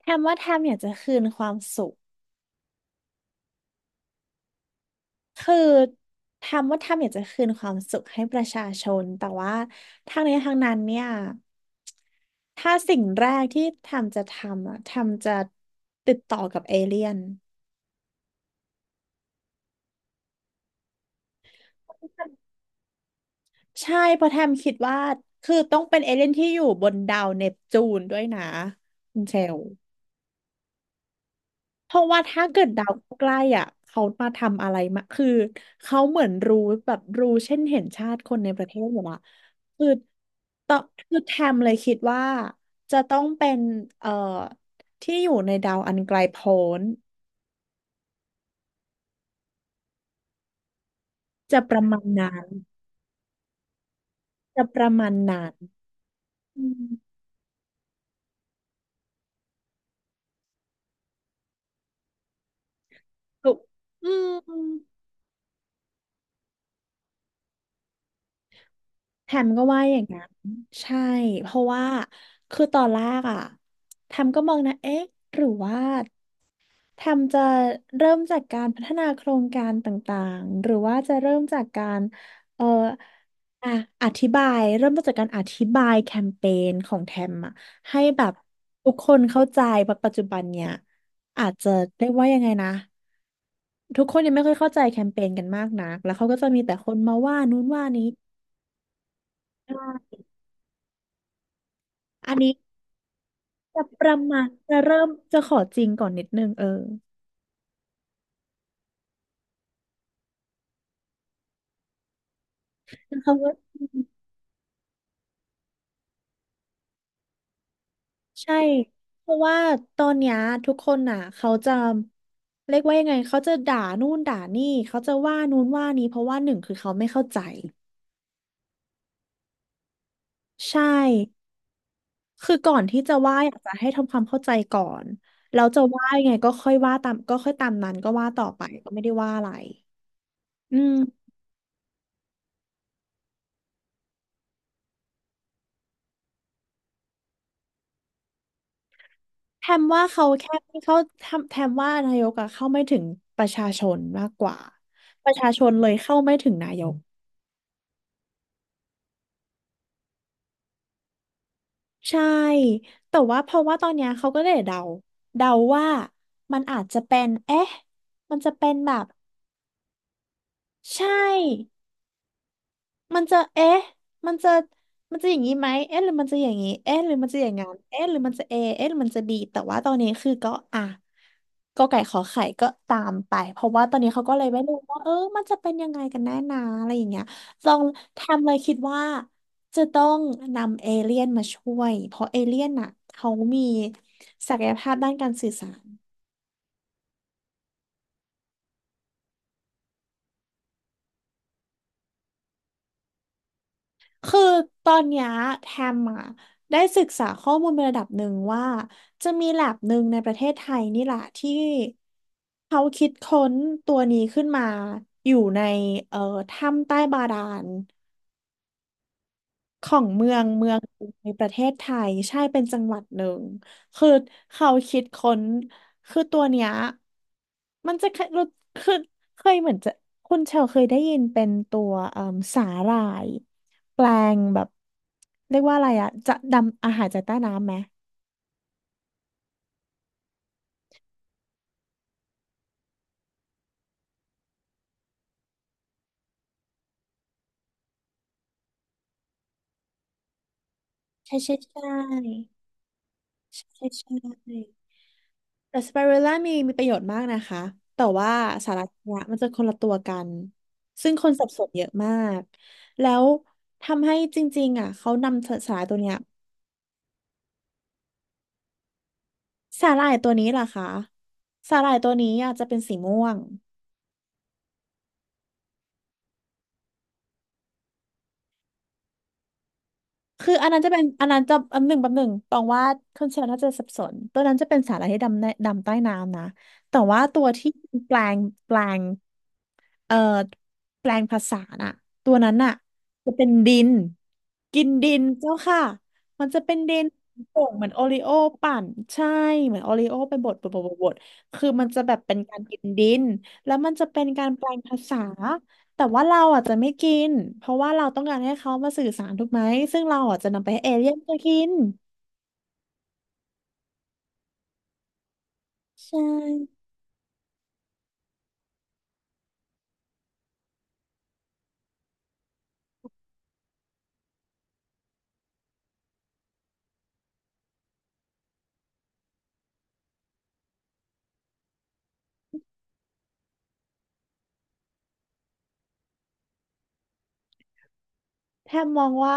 แทมว่าแทมอยากจะคืนความสุขคือแทมว่าแทมอยากจะคืนความสุขให้ประชาชนแต่ว่าทางนี้ทางนั้นเนี่ยถ้าสิ่งแรกที่แทมจะทำอะแทมจะติดต่อกับเอเลี่ยนใช่เพราะแทมคิดว่าคือต้องเป็นเอเลี่ยนที่อยู่บนดาวเนปจูนด้วยนะคุณเชล เพราะว่าถ้าเกิดดาวใกล้อ่ะเขามาทำอะไรมาคือเขาเหมือนรู้แบบรู้เช่นเห็นชาติคนในประเทศอยู่ละคือตอคือแทมเลยคิดว่าจะต้องเป็นเอ่อที่อยู่ในดาวอันไกลโพ้นจะประมาณนั้นจะประมาณนั้นอืมถูกอืมแทมก็ว่าอย่างนั้นใช่เพราะว่าคือตอนแรกอ่ะแทมก็มองนะเอ๊ะหรือว่า แทมจะเริ่มจากการพัฒนาโครงการต่างๆหรือว่าจะเริ่มจากการเอ่ออ่ะอธิบายเริ่มต้นจากการอธิบายแคมเปญของแทมอะให้แบบทุกคนเข้าใจเพราะปัจจุบันเนี่ยอาจจะเรียกว่ายังไงนะทุกคนยังไม่ค่อยเข้าใจแคมเปญกันมากนักแล้วเขาก็จะมีแต่คนมาว่านู้นว่านี้อ่าอันนี้จะประมาณจะเริ่มจะขอจริงก่อนนิดนึงเออแล้วเขาก็ ใช่เพราะว่าตอนเนี้ยทุกคนน่ะเขาจะเรียกว่ายังไงเขาจะด่านู่นด่านี่เขาจะว่านู่นว่านี้เพราะว่าหนึ่งคือเขาไม่เข้าใจใช่คือก่อนที่จะว่าอยากจะให้ทำความเข้าใจก่อนแล้วจะว่ายังไงก็ค่อยว่าตามก็ค่อยตามนั้นก็ว่าต่อไปก็ไม่ได้ว่าอะไรอืมแทมว่าเขาแค่ไม่เข้าแทมแทมว่านายกอะเข้าไม่ถึงประชาชนมากกว่าประชาชนเลยเข้าไม่ถึงนายก ใช่ แต่ว่าเพราะว่าตอนเนี้ยเขาก็เลยเดา เดาว่ามันอาจจะเป็น เอ๊ะ มันจะเป็นแบบใช่ มันจะเอ๊ะมันจะ มันจะอย่างนี้ไหมเอ๊ะหรือมันจะอย่างนี้เอ๊ะหรือมันจะอย่างงั้นเอ๊ะหรือมันจะเอเอ๊ะหรือมันจะบีแต่ว่าตอนนี้คือก็อ่ะก็ไก่ขอไข่ก็ตามไปเพราะว่าตอนนี้เขาก็เลยไม่รู้ว่าเออมันจะเป็นยังไงกันแน่นาอะไรอย่างเงี้ยลองทำเลยคิดว่าจะต้องนำเอเลี่ยนมาช่วยเพราะเอเลี่ยนน่ะเขามีศักยภาพด้านการสื่อสาร คือตอนเนี้ยแทมอ่ะได้ศึกษาข้อมูลในระดับหนึ่งว่าจะมีแลบหนึ่งในประเทศไทยนี่แหละที่เขาคิดค้นตัวนี้ขึ้นมาอยู่ในเอ่อถ้ำใต้บาดาล ของเมืองในประเทศไทยใช่เป็นจังหวัดหนึ่งคือเขาคิดค้นคือตัวเนี้ยมันจะเคยรู้คือเคยเหมือนจะคุณเชลเคยได้ยินเป็นตัวเอ่มสาหร่ายแปลงแบบเรียกว่าอะไรอะจะดำอาหารจากใต้น้ำไหมใช่ใช่ใช่ใช่ใช่ แต่สไปรูล่ามีประโยชน์มากนะคะ แต่ว่าสาระเนี่ยมันจะคนละตัวกัน ซึ่งคนสับสนเยอะมากแล้วทำให้จริงๆอ่ะเขานำสสาหร่ายตัวเนี้ยสาหร่ายตัวนี้ล่ะคะสาหร่ายตัวนี้อ่ะจะเป็นสีม่วงคืออันนั้นจะเป็นอันนั้นจะอันหนึ่งแป๊บหนึ่งตองว่าคนเชลน่าจะสับสนตัวนั้นจะเป็นสาหร่ายที่ดำในดำใต้น้ำนะแต่ว่าตัวที่แปลงแปลงเอ่อแปลงภาษาน่ะตัวนั้นน่ะจะเป็นดิน กินดินเจ้าค่ะ มันจะเป็นดินโป่งเหมือนโอริโอปั่นใช่เหมือนโอริโอไปบดคือมันจะแบบเป็นการกินดินแล้วมันจะเป็นการแปลงภาษาแต่ว่าเราอ่ะจะไม่กินเพราะว่าเราต้องการให้เขามาสื่อสารถูกไหมซึ่งเราอ่ะจะนำไปให้เอเลี่ยนก็กินใช่แทบมองว่า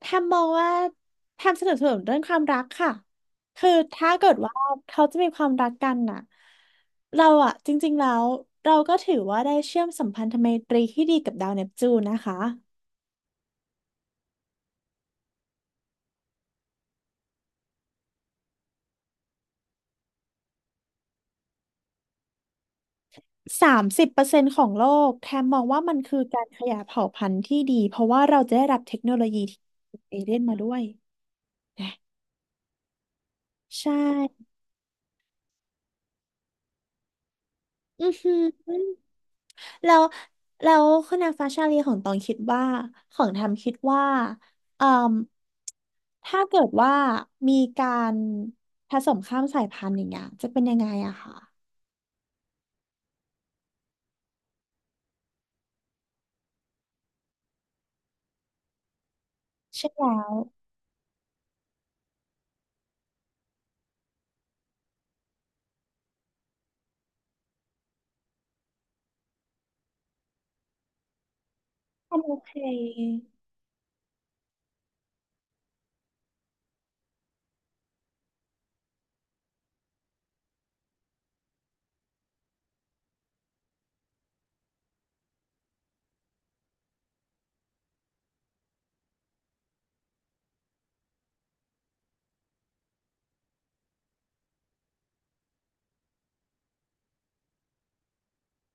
แทมมองว่าแทมสนับสนุนเรื่องความรักค่ะคือถ้าเกิดว่าเขาจะมีความรักกันน่ะเราอะจริงๆแล้วเราก็ถือว่าได้เชื่อมสัมพันธไมตรีที่ดีกับดาวเนปจูนนะคะ30%ของโลกแทมมองว่ามันคือการขยายเผ่าพันธุ์ที่ดีเพราะว่าเราจะได้รับเทคโนโลยีที่เอเลี่ยนมาด้วยนะใช่อือหือ แล้วแล้วคุณนางฟ้าชาลีของตองคิดว่าของทำคิดว่าเอ่มถ้าเกิดว่ามีการผสมข้ามสายพันธุ์อย่างเงี้ยจะเป็นยังไงอะค่ะใช่แล้วทำโอเค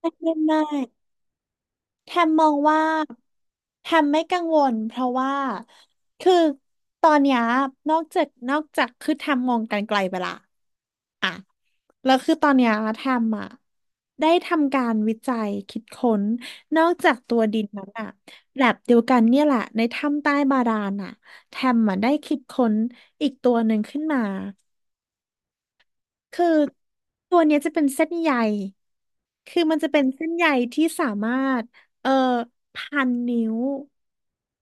ไม่ได้มากแทมมองว่าแทมไม่กังวลเพราะว่าคือตอนเนี้ยนอกจากคือแทมมองกันไกลไปละ แล้วคือตอนเนี้ยแทมอ่ะได้ทำการวิจัยคิดค้นนอกจากตัวดินนั้นอ่ะแลบเดียวกันเนี่ยแหละในถ้ำใต้บาดาลอ่ะแทมอ่ะได้คิดค้นอีกตัวหนึ่งขึ้นมาคือตัวเนี้ยจะเป็นเส้นใย คือมันจะเป็นเส้นใยที่สามารถเอ่อพันนิ้ว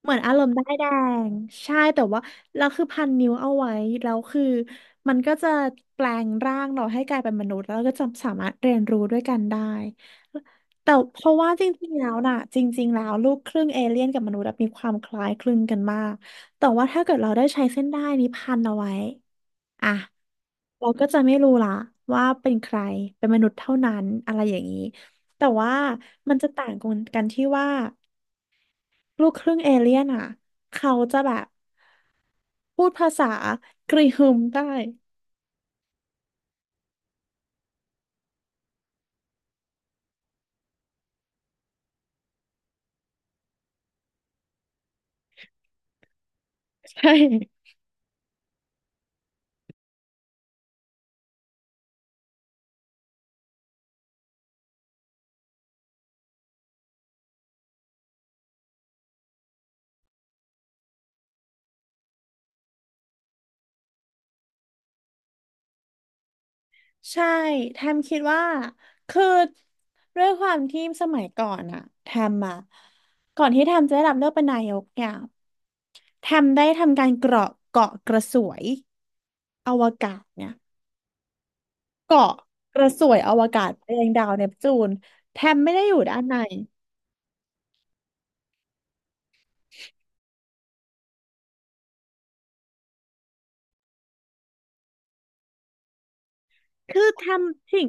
เหมือนอารมณ์ด้ายแดงใช่แต่ว่าเราคือพันนิ้วเอาไว้แล้วคือมันก็จะแปลงร่างเราให้กลายเป็นมนุษย์แล้วก็จะสามารถเรียนรู้ด้วยกันได้แต่เพราะว่าจริงๆแล้วน่ะจริงๆแล้วลูกครึ่งเอเลี่ยนกับมนุษย์อะมีความคล้ายคลึงกันมากแต่ว่าถ้าเกิดเราได้ใช้เส้นด้ายนี้พันเอาไว้ อ่ะเราก็จะไม่รู้ละว่าเป็นใครเป็นมนุษย์เท่านั้นอะไรอย่างนี้แต่ว่ามันจะต่างกันกันที่ว่าลูกครึ่งเอเลี่ยนอ่ะเขาจะแบบพูดภาษากรีฮึมได้ใช่ใช่แทมคิดว่าคือด้วยความที่สมัยก่อนอะแทมอะก่อนที่แทมจะได้รับเลือกเป็นนายกเนี่ยแทมได้ทำการเกาะกระสวยอวกาศเนี่ย เกาะกระสวยอวกาศไปยังดาวเนปจูน แทมไม่ได้อยู่ด้านในคือแทมทิ้ง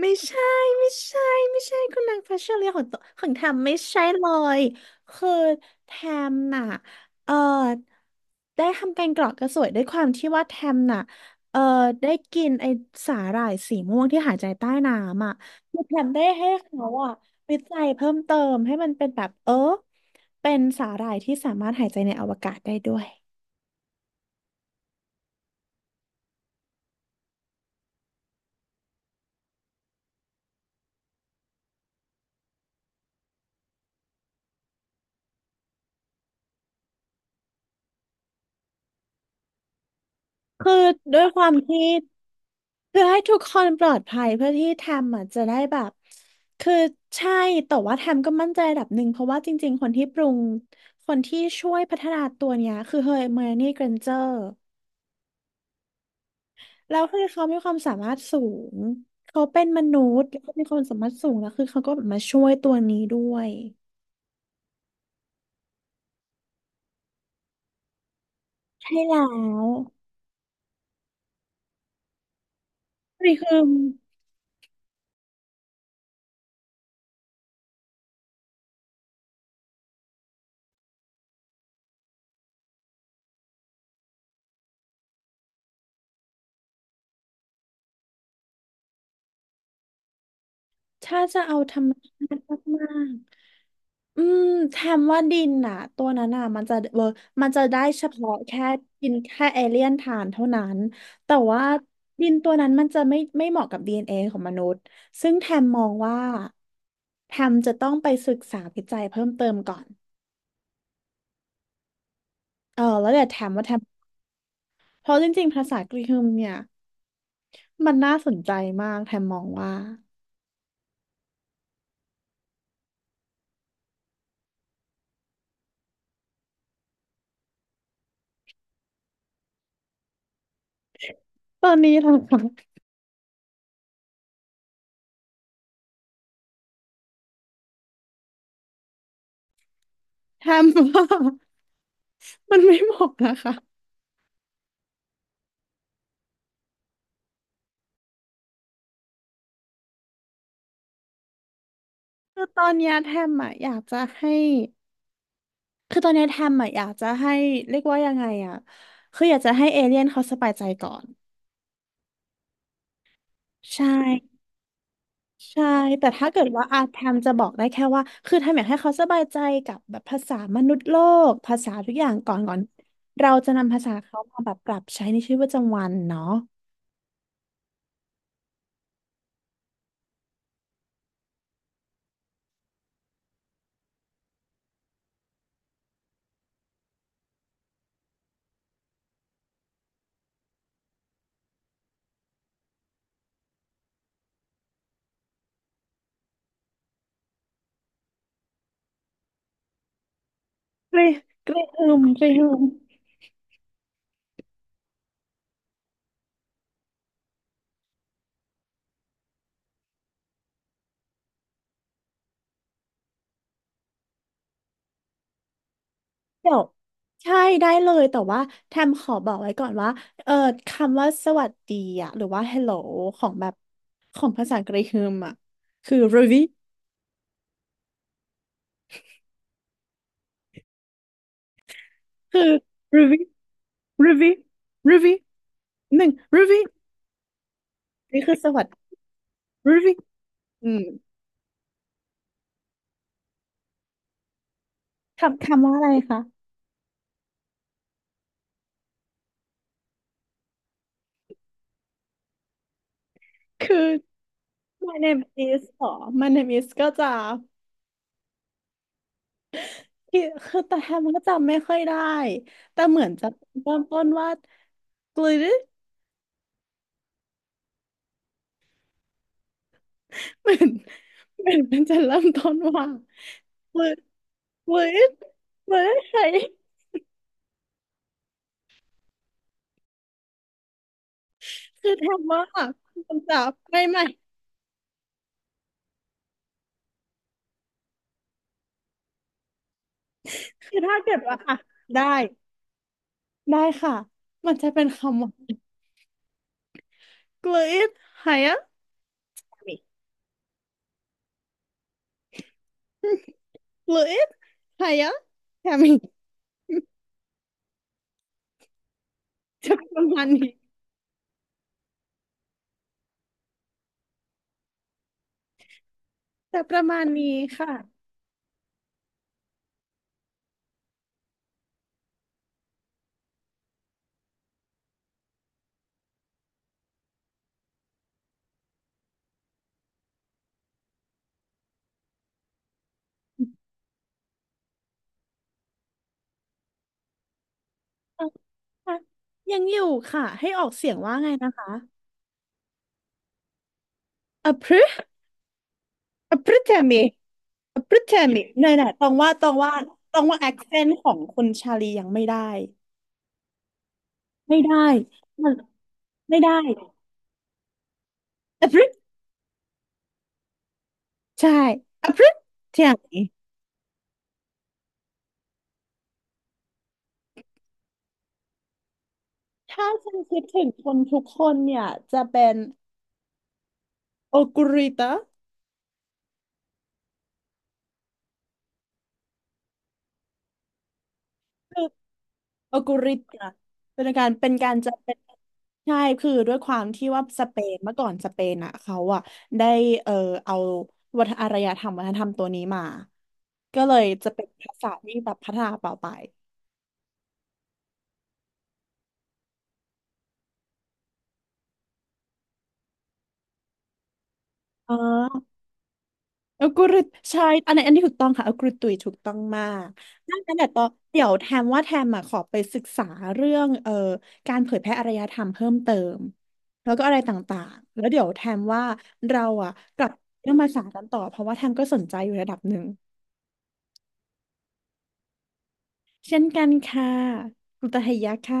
ไม่ใช่ไม่ใช่ไม่ใช่คุณนางฟ้าเชอรี่ของตัวของแทมไม่ใช่เลยคือแทมน่ะเออได้ทำการเกาะกระสวยด้วยความที่ว่าแทมน่ะเออได้กินไอสาหร่ายสีม่วงที่หายใจใต้น้ำอ่ะคือแทมได้ให้เขาอ่ะวิจัยเพิ่มเติมให้มันเป็นแบบเป็นสาหร่ายที่สามารถหายใจในอวกาศได้ด้วย คือด้วยความที่เพื่อให้ทุกคนปลอดภัยเพื่อที่แทมอ่ะจะได้แบบคือใช่แต่ว่าแทมก็มั่นใจระดับหนึ่งเพราะว่าจริงๆคนที่ช่วยพัฒนาตัวเนี้ยคือเฮอร์ไมโอนี่เกรนเจอร์แล้วคือเขามีความสามารถสูงเขาเป็นมนุษย์เขามีความสามารถสูงแล้วคือเขาก็แบบมาช่วยตัวนี้ด้วยใช่แล้วนี่คือถ้าจะเอาธรรมชาติมาก อืมแทมว่าดินน่ะตัวนั้นน่ะมันจะเวอร์มันจะได้เฉพาะแค่กินแค่เอเลี่ยนทานเท่านั้นแต่ว่าดินตัวนั้นมันจะไม่เหมาะกับ DNA ของมนุษย์ซึ่งแทมมองว่าแทมจะต้องไปศึกษาวิจัยเพิ่มเติมก่อนแล้วเดี๋ยวแทมว่าแทมเพราะจริงๆภาษากรีกเนี่ยมันน่าสนใจมากแทมมองว่าตอนนี้นะคะ แทมว่ามันไม่เหมาะนะคะคือตอนเนี้ยแทมอ่ะอยากจะให้ คือตอนเนี้ยแทมอะอยากจะให้เรียกว่ายังไงอะคืออยากจะให้เอเลี่ยนเขาสบายใจก่อนใช่ใช่ แต่ถ้าเกิดว่าอาแทมจะบอกได้แค่ว่า คือแทมอยากให้เขาสบายใจกับแบบภาษามนุษย์โลก ภาษาทุกอย่างก่อนเราจะนำภาษาเขามาแบบปรับใช้ในชีวิตประจำวันเนาะกรีกรีฮึมกรีฮึม เดี๋ยวใช่ได้เลยแต่ว่าแทมขอบอกไว้ก่อนว่าเออคำว่าสวัสดีอะหรือว่า hello ของแบบของภาษากรีกมอะคือ ruby คือ ruby ruby ruby หนึ่ง ruby นี่คือสวัสดี ruby อืมคำว่าอะไรคะคือ my name is หรอ my name is ก็จะที่คือแต่แทมก็จำไม่ค่อยได้แต่เหมือนจะเริ่มต้นว่า glitter เหมือนเหมือนมันจะเริ่มต้นว่าเวิร์ดเวิร์ดเวิร์ดใครคือทำว่ามันจะไม่คือถ้าเกิดว่าอ่ะได้ได้ค่ะมันจะเป็นคำว่ากลืดหายะกลืดหายะแคมิจะประมาณนี้จะประมาณนี้ค่ะยังอยู่ค่ะให้ออกเสียงว่าไงนะคะอพรึอพรึแคมิ Britannic เนี่ยนะตองว่า accent ของคนชาลียังไม่ได้ไม่ได้มันไม่ได้ a b r i t ใช่ a b r i t เที่ยง้ถ้าฉันคิดถึงคนทุกคนเนี่ยจะเป็นโอกุริตะคือโอกุริตะเป็นการเป็นการจะเป็นใช่คือด้วยความที่ว่าสเปนอ่ะเขาอ่ะได้เออเอาวัฒนอารยธรรมวัฒนธรรมตัวนี้มาก็เลยจะเป็นภาษาที่แบบพัฒนาต่อไปอ๋อ เอัลกอรุทใช่อันนี้ถูกต้องค่ะเอัลกอริตุยถูกต้องมากดังนั้นแต่ต่อเดี๋ยวแทมว่าแทมอ่ะขอไปศึกษาเรื่องการเผยแพร่อารยธรรมเพิ่มเติมแล้วก็อะไรต่างๆแล้วเดี๋ยวแทมว่าเราอ่ะกลับเรื่องภาษากันต่อเพราะว่าแทมก็สนใจอยู่ระดับหนึ่งเช่นกันค่ะคุณตาเฮียะค่ะ